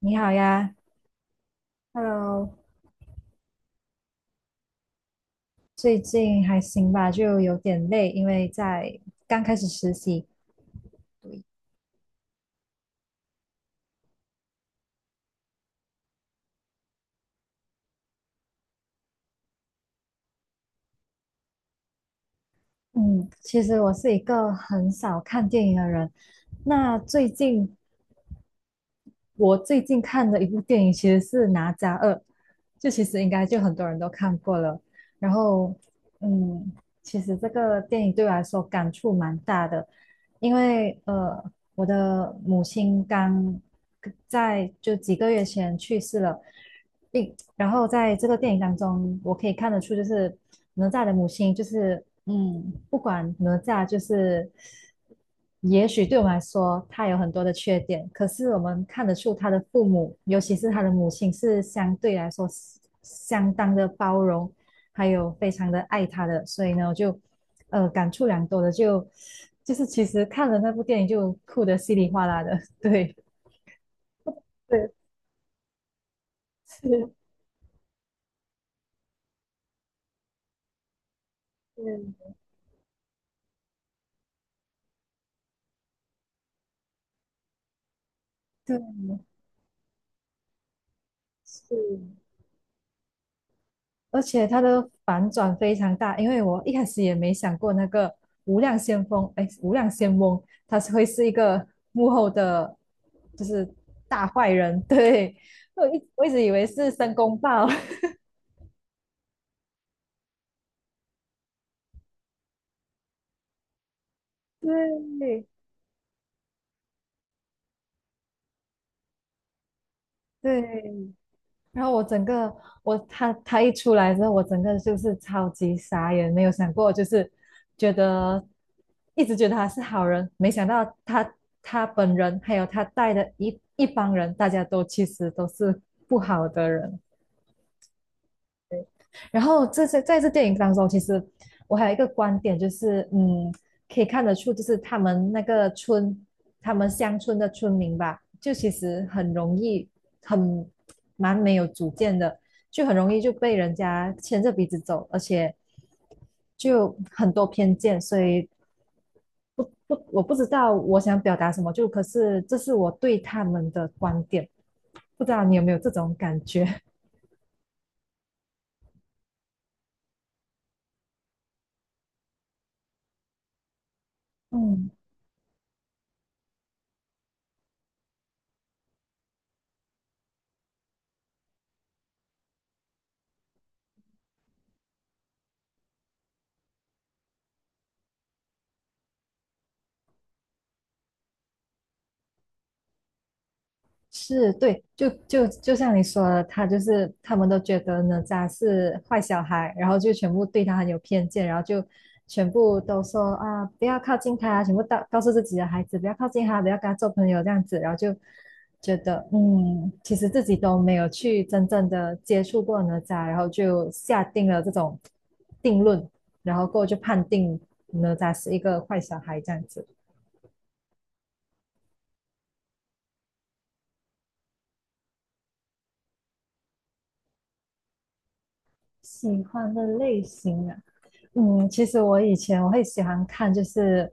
你好呀，Hello，最近还行吧，就有点累，因为在刚开始实习。对，嗯，其实我是一个很少看电影的人，那最近我最近看的一部电影其实是《哪吒二》，就其实应该就很多人都看过了。然后，嗯，其实这个电影对我来说感触蛮大的，因为我的母亲刚在就几个月前去世了，并然后在这个电影当中，我可以看得出，就是哪吒的母亲就是，不管哪吒就是，也许对我们来说，他有很多的缺点，可是我们看得出他的父母，尤其是他的母亲，是相对来说是相当的包容，还有非常的爱他的，所以呢，我就，感触良多的，就是其实看了那部电影就哭得稀里哗啦的，对，对，是，嗯，对，是。而且它的反转非常大，因为我一开始也没想过那个无量先锋，哎，无量先翁，他是会是一个幕后的，就是大坏人。对，我一直以为是申公豹。对对，然后我整个我他一出来之后，我整个就是超级傻眼，没有想过，就是觉得一直觉得他是好人，没想到他本人还有他带的一帮人，大家都其实都是不好的人。然后这些在这电影当中，其实我还有一个观点，就是可以看得出，就是他们那个村，他们乡村的村民吧，就其实很容易，很蛮没有主见的，就很容易就被人家牵着鼻子走，而且就很多偏见，所以不不，我不知道我想表达什么，就可是这是我对他们的观点，不知道你有没有这种感觉？嗯是对，就像你说的，他就是他们都觉得哪吒是坏小孩，然后就全部对他很有偏见，然后就全部都说啊不要靠近他啊，全部告诉自己的孩子不要靠近他，不要跟他做朋友这样子，然后就觉得其实自己都没有去真正的接触过哪吒，然后就下定了这种定论，然后过后就判定哪吒是一个坏小孩这样子。喜欢的类型啊，其实我以前我会喜欢看，就是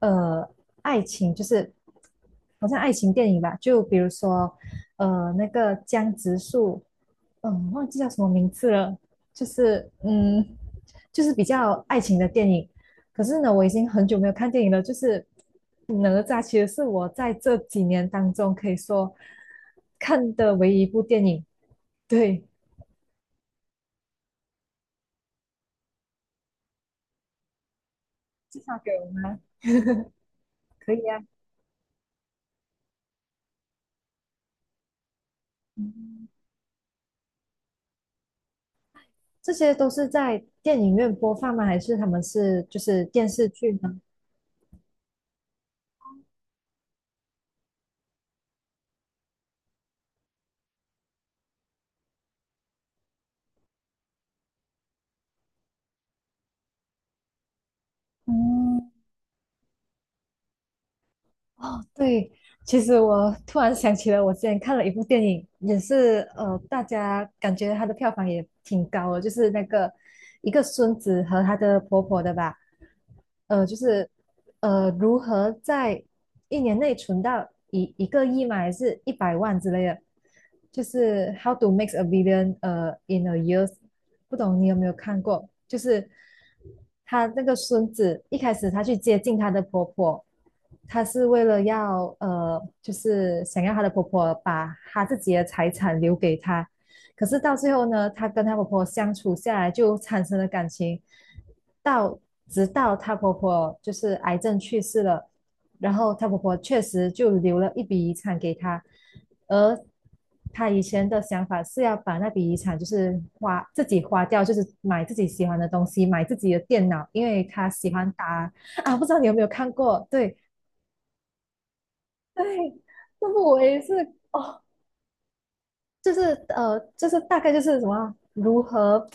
呃，爱情，就是好像爱情电影吧，就比如说那个江直树，忘记叫什么名字了，就是嗯，就是比较爱情的电影。可是呢，我已经很久没有看电影了，就是哪吒其实是我在这几年当中可以说看的唯一一部电影。对，介绍给我吗？可以啊。嗯这些都是在电影院播放吗？还是他们是就是电视剧呢？哦，对，其实我突然想起了，我之前看了一部电影，也是大家感觉它的票房也挺高的，就是那个一个孙子和他的婆婆的吧，就是如何在一年内存到一个亿嘛，还是一百万之类的，就是 How to make a billion in a year，不懂你有没有看过？就是她那个孙子一开始她去接近她的婆婆，她是为了要就是想要她的婆婆把她自己的财产留给她。可是到最后呢，她跟她婆婆相处下来就产生了感情，到直到她婆婆就是癌症去世了，然后她婆婆确实就留了一笔遗产给她，而她以前的想法是要把那笔遗产就是花自己花掉，就是买自己喜欢的东西，买自己的电脑，因为她喜欢打啊，不知道你有没有看过？对对，那部我也是哦，就是就是大概就是什么如何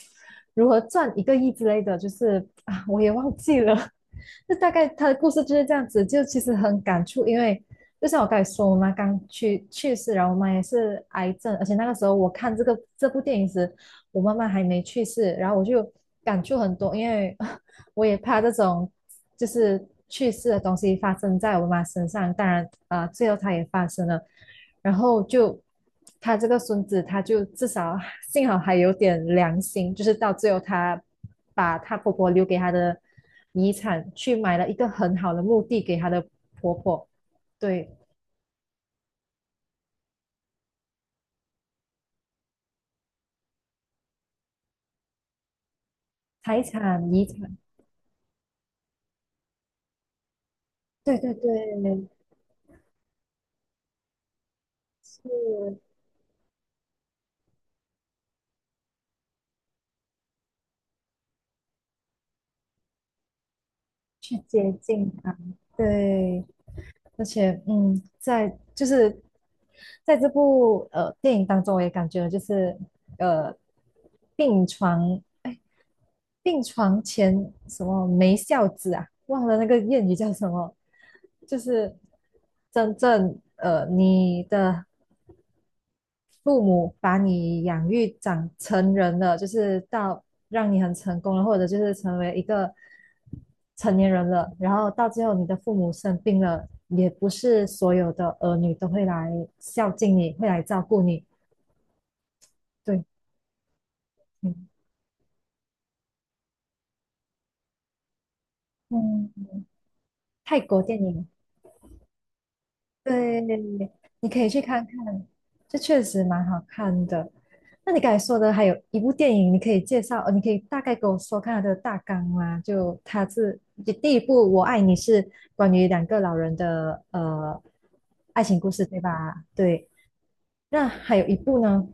赚一个亿之类的，就是啊，我也忘记了。就大概他的故事就是这样子，就其实很感触，因为就像我刚才说，我妈刚去世，然后我妈也是癌症，而且那个时候我看这部电影时，我妈妈还没去世，然后我就感触很多，因为 我也怕这种就是去世的东西发生在我妈身上，当然啊、最后它也发生了。然后就他这个孙子，他就至少幸好还有点良心，就是到最后他把他婆婆留给他的遗产去买了一个很好的墓地给他的婆婆，对，财产遗产，对对对，是去接近他，对，而且就是在这部电影当中，我也感觉就是呃病床。哎病床前什么没孝子啊，忘了那个谚语叫什么，就是真正你的父母把你养育长成人了，就是到让你很成功了，或者就是成为一个成年人了，然后到最后你的父母生病了，也不是所有的儿女都会来孝敬你，会来照顾你，对，嗯嗯，泰国电影。对，你可以去看看，这确实蛮好看的。那你刚才说的还有一部电影，你可以大概跟我说看它的大纲吗？就它是就第一部《我爱你》是关于两个老人的爱情故事，对吧？对。那还有一部呢，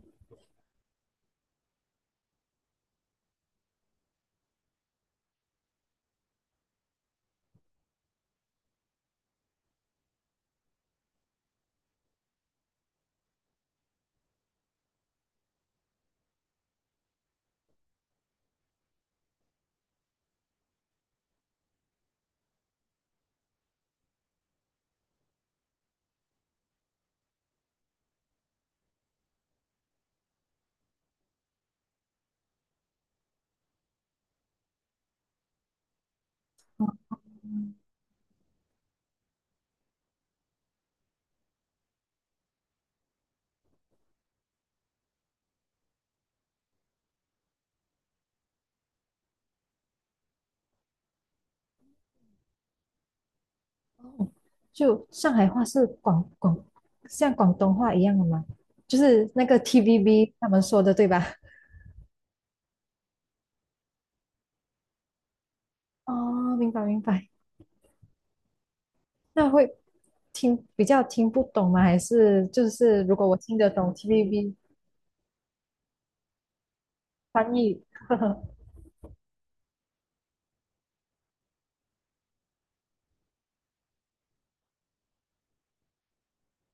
嗯就上海话是像广东话一样的吗？就是那个 TVB 他们说的，对吧？哦，明白明白。那会比较听不懂吗？还是就是如果我听得懂 TVB 翻译，呵呵，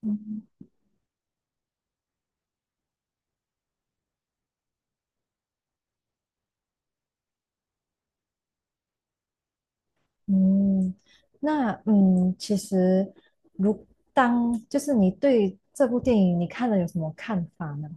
嗯嗯，那其实如当就是你对这部电影你看了有什么看法呢？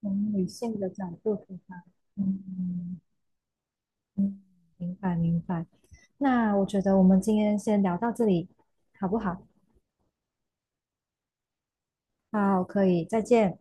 从女性的角度出发，嗯，明白明白。那我觉得我们今天先聊到这里，好不好？好，可以，再见。